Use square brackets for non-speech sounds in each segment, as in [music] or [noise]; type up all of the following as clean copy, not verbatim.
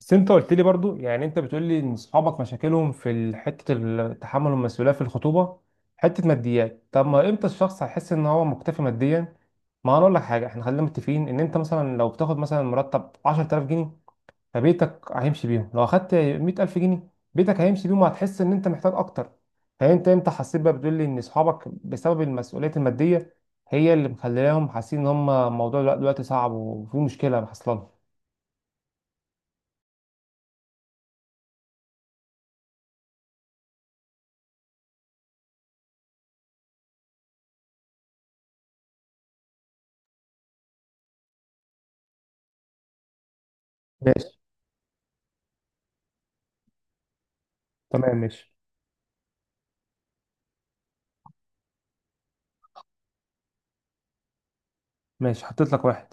بس انت قلت لي برضو، يعني انت بتقول لي ان اصحابك مشاكلهم في تحمل المسؤوليه في الخطوبه، حته ماديات. طب ما امتى الشخص هيحس ان هو مكتفي ماديا؟ ما انا اقول لك حاجه، احنا خلينا متفقين ان انت مثلا لو بتاخد مثلا مرتب 10000 جنيه فبيتك هيمشي بيهم، لو اخدت 100000 جنيه بيتك هيمشي بيهم وهتحس ان انت محتاج اكتر. فانت امتى حسيت بقى؟ بتقول لي ان اصحابك بسبب المسؤوليات الماديه هي اللي مخليهم حاسين ان هم الموضوع دلوقتي صعب وفي مشكله حصلانه. ماشي. تمام، ماشي. ماشي، حطيت لك واحد.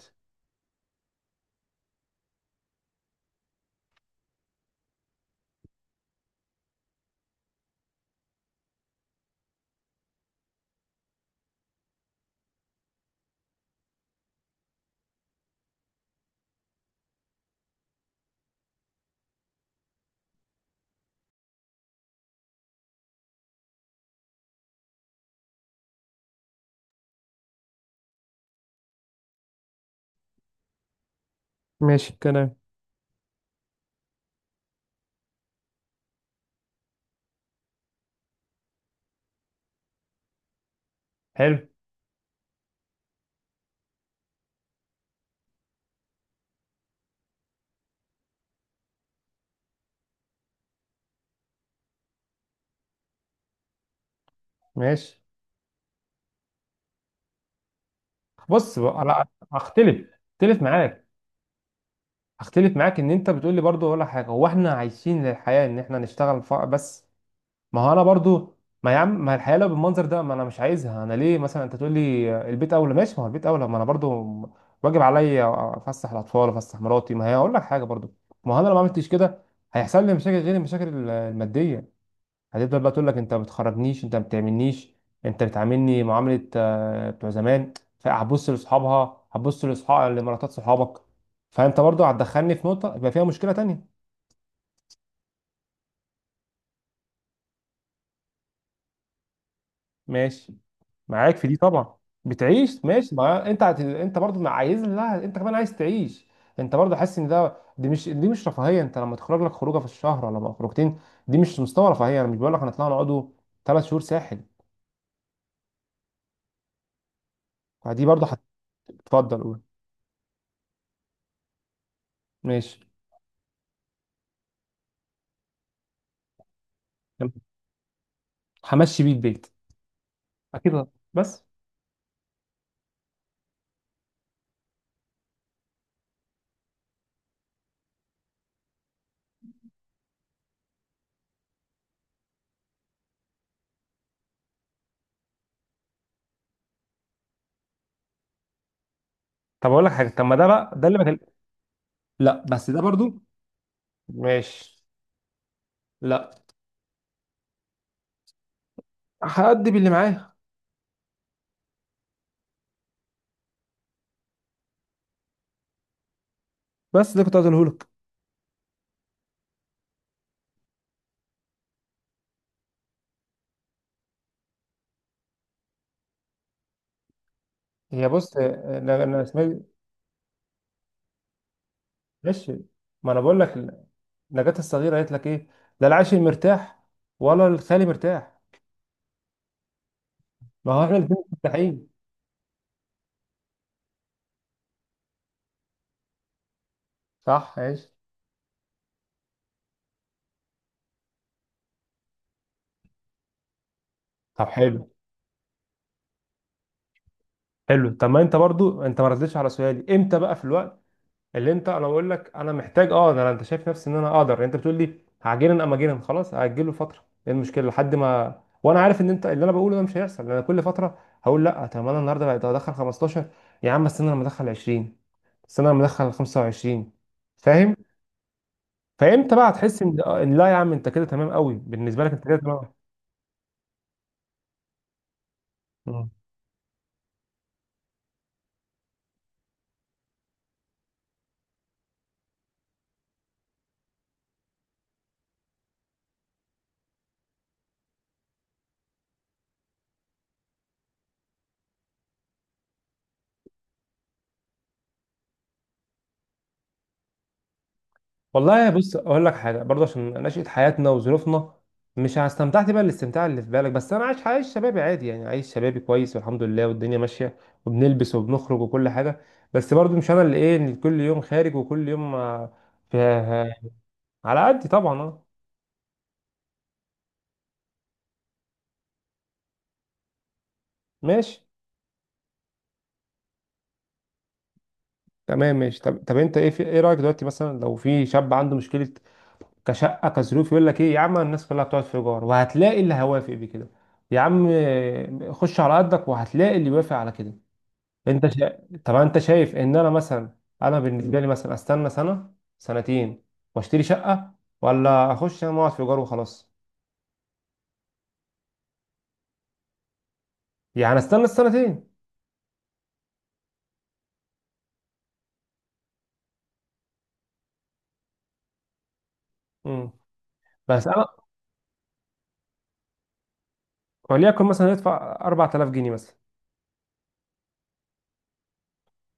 ماشي الكلام. حلو. ماشي، بص بقى، لا. هختلف، هختلف معاك. هختلف معاك ان انت بتقول لي برضو، ولا حاجه هو احنا عايشين للحياه ان احنا نشتغل بس؟ ما هو انا برضو، ما يا عم، ما الحياه لو بالمنظر ده ما انا مش عايزها. انا ليه مثلا انت تقول لي البيت اولى؟ ماشي، ما هو البيت اولى، ما انا برضو واجب عليا افسح الاطفال، افسح مراتي. ما هي اقول لك حاجه برضو، ما هو انا لو ما عملتش كده هيحصل لي مشاكل غير المشاكل الماديه. هتفضل بقى تقول لك: انت ما بتخرجنيش، انت ما بتعملنيش، انت بتعاملني معامله بتوع زمان. فهتبص لاصحابها، هتبص لاصحاب لمراتات صحابك. فانت برضو هتدخلني في نقطه يبقى فيها مشكله تانية. ماشي، معاك في دي طبعا. بتعيش، ماشي، ما انت انت برضو ما عايز، لا انت كمان عايز تعيش. انت برضو حاسس ان ده، دي مش رفاهيه، انت لما تخرج لك خروجه في الشهر ولا خروجتين دي مش مستوى رفاهيه. انا مش بقول لك هنطلع نقعدوا 3 شهور ساحل، فدي برضو. هتفضل، قول. ماشي، همشي بيه البيت، اكيد. لا، بس. طب اقول لك حاجه، طب ما ده بقى ده اللي بكلم. لا بس ده برضو. ماشي. لا، هأدي باللي معايا. بس ده كنت عايز اقوله لك. هي بص، أنا اسمعي. ماشي. ما انا بقول لك، نجاة الصغيره قالت لك ايه؟ لا العاشق مرتاح ولا الخالي مرتاح، ما هو احنا الاثنين مرتاحين. صح، ماشي. طب حلو، حلو. طب ما انت برضو انت ما ردتش على سؤالي، امتى بقى في الوقت اللي انت، انا بقول لك انا محتاج اه ده، انا انت شايف نفسي ان انا اقدر؟ يعني انت بتقول لي هعجنن، اما اجنن خلاص هاجله فتره، ايه المشكله لحد ما، وانا عارف ان انت اللي انا بقوله ده مش هيحصل، انا كل فتره هقول لا، طب ما انا النهارده بقيت ادخل 15، يا عم استنى لما ادخل 20، استنى لما ادخل 25، فاهم؟ فامتى بقى هتحس ان إن، لا يا عم انت كده تمام قوي بالنسبه لك انت كده؟ تمام. والله بص اقول لك حاجه برضه، عشان نشأة حياتنا وظروفنا، مش استمتعت بقى الاستمتاع اللي في بالك، بس انا عايش، عايش شبابي عادي، يعني عايش شبابي كويس، والحمد لله والدنيا ماشيه، وبنلبس وبنخرج وكل حاجه. بس برضه مش انا اللي ايه اللي كل يوم خارج وكل يوم في. على قدي طبعا، اه. ماشي. تمام، ماشي. طب، طب انت ايه في ايه رايك دلوقتي مثلا لو في شاب عنده مشكله كشقه كظروف؟ يقول لك ايه؟ يا عم الناس كلها بتقعد في ايجار، وهتلاقي اللي هيوافق بكده، يا عم خش على قدك وهتلاقي اللي يوافق على كده. انت شا... طب انت شايف ان انا مثلا، انا بالنسبه لي مثلا، استنى سنه، سنتين، واشتري شقه، ولا اخش انا اقعد في ايجار وخلاص؟ يعني استنى السنتين؟ امم. بس انا، وليكن مثلا ادفع 4000 جنيه مثلا،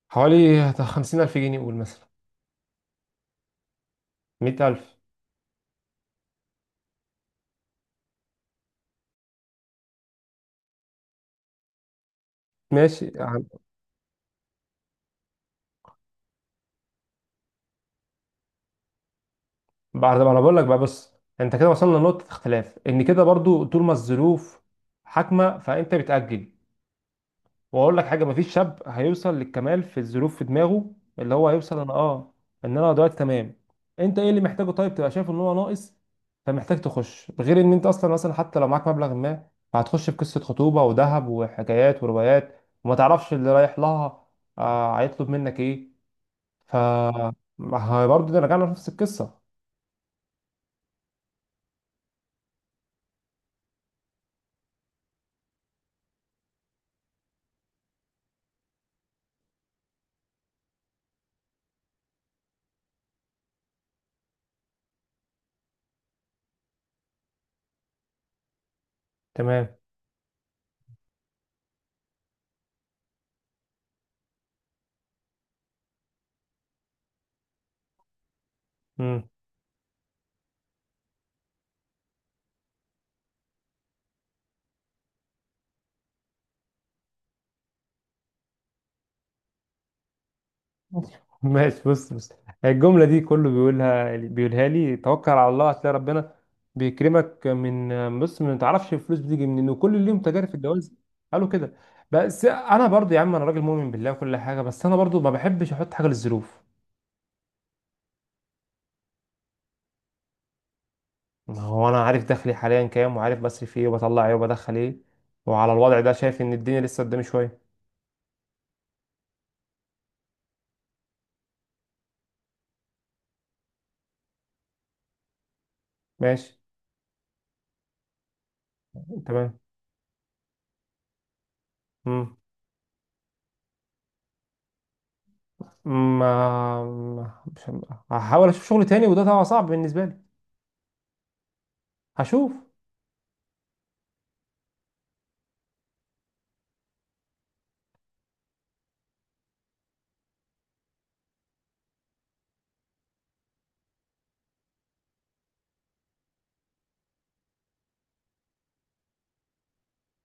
حوالي 50000 جنيه قول مثلا، 100000. ماشي يعني. بعد ما، انا بقول لك بقى، بص، انت كده وصلنا لنقطه اختلاف، ان كده برضو طول ما الظروف حاكمه فانت بتاجل. واقول لك حاجه، مفيش شاب هيوصل للكمال في الظروف في دماغه، اللي هو هيوصل: انا اه، ان انا دلوقتي تمام. انت ايه اللي محتاجه طيب، تبقى شايف ان هو ناقص فمحتاج تخش؟ غير ان انت اصلا مثلا حتى لو معاك مبلغ، ما هتخش في قصه خطوبه وذهب وحكايات وروايات وما تعرفش اللي رايح لها. آه، هيطلب منك ايه؟ ف، ما هي برضه ده رجعنا لنفس القصه. تمام. [laughs] ماشي، بص. الجملة دي كله بيقولها لي: توكل على الله هتلاقي ربنا بيكرمك من، بص، ما تعرفش الفلوس بتيجي منين، وكل اليوم تجارب في الجواز قالوا كده. بس انا برضو يا عم، انا راجل مؤمن بالله وكل حاجة، بس انا برضو ما بحبش احط حاجة للظروف. ما هو انا عارف دخلي حاليا كام، وعارف بصرف ايه وبطلع ايه وبدخل ايه، وعلى الوضع ده شايف ان الدنيا لسه قدامي شوية. ماشي. تمام. امم. ما مش، هحاول اشوف شغل تاني، وده طبعا صعب بالنسبة لي. هشوف.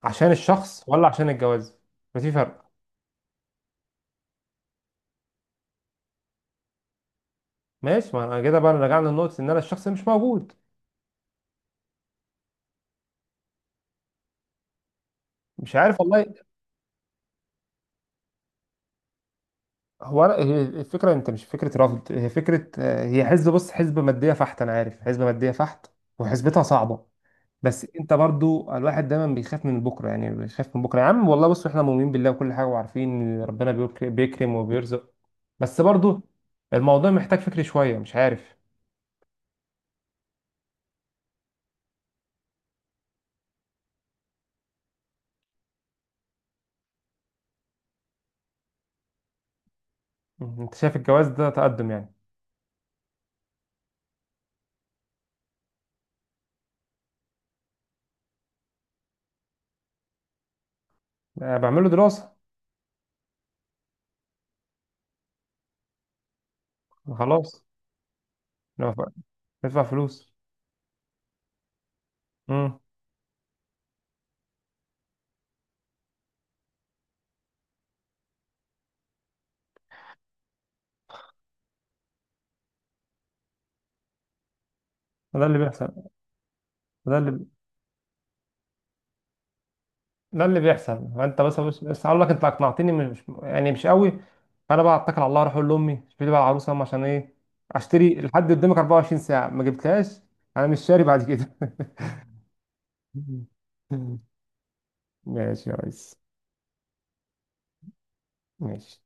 عشان الشخص ولا عشان الجواز؟ ففي فرق. ماشي، ما انا كده بقى رجعنا لنقطة ان انا الشخص مش موجود. مش عارف والله. هو هي الفكرة، انت مش فكرة رفض، هي فكرة هي حزب، بص، حزب مادية فحت، انا عارف حزب مادية فحت، وحسبتها صعبة. بس انت برضو، الواحد دايما بيخاف من بكرة، يعني بيخاف من بكرة. يا عم والله بص احنا مؤمنين بالله وكل حاجة، وعارفين ان ربنا بيكرم وبيرزق، بس برضو الموضوع محتاج فكر شوية، مش عارف. انت شايف الجواز ده تقدم يعني؟ بعمله دراسة. خلاص. يدفع فلوس. امم. ده اللي بيحصل. ده اللي ده اللي بيحصل، فانت بس، بس هقول لك، انت اقنعتني مش يعني مش قوي. فانا بقى اتكل على الله، اروح اقول لامي اشتري لي بقى العروسه، أم عشان ايه؟ اشتري لحد قدامك 24 ساعه ما جبتهاش، انا مش شاري بعد كده. [laughs] ماشي يا ريس. ماشي.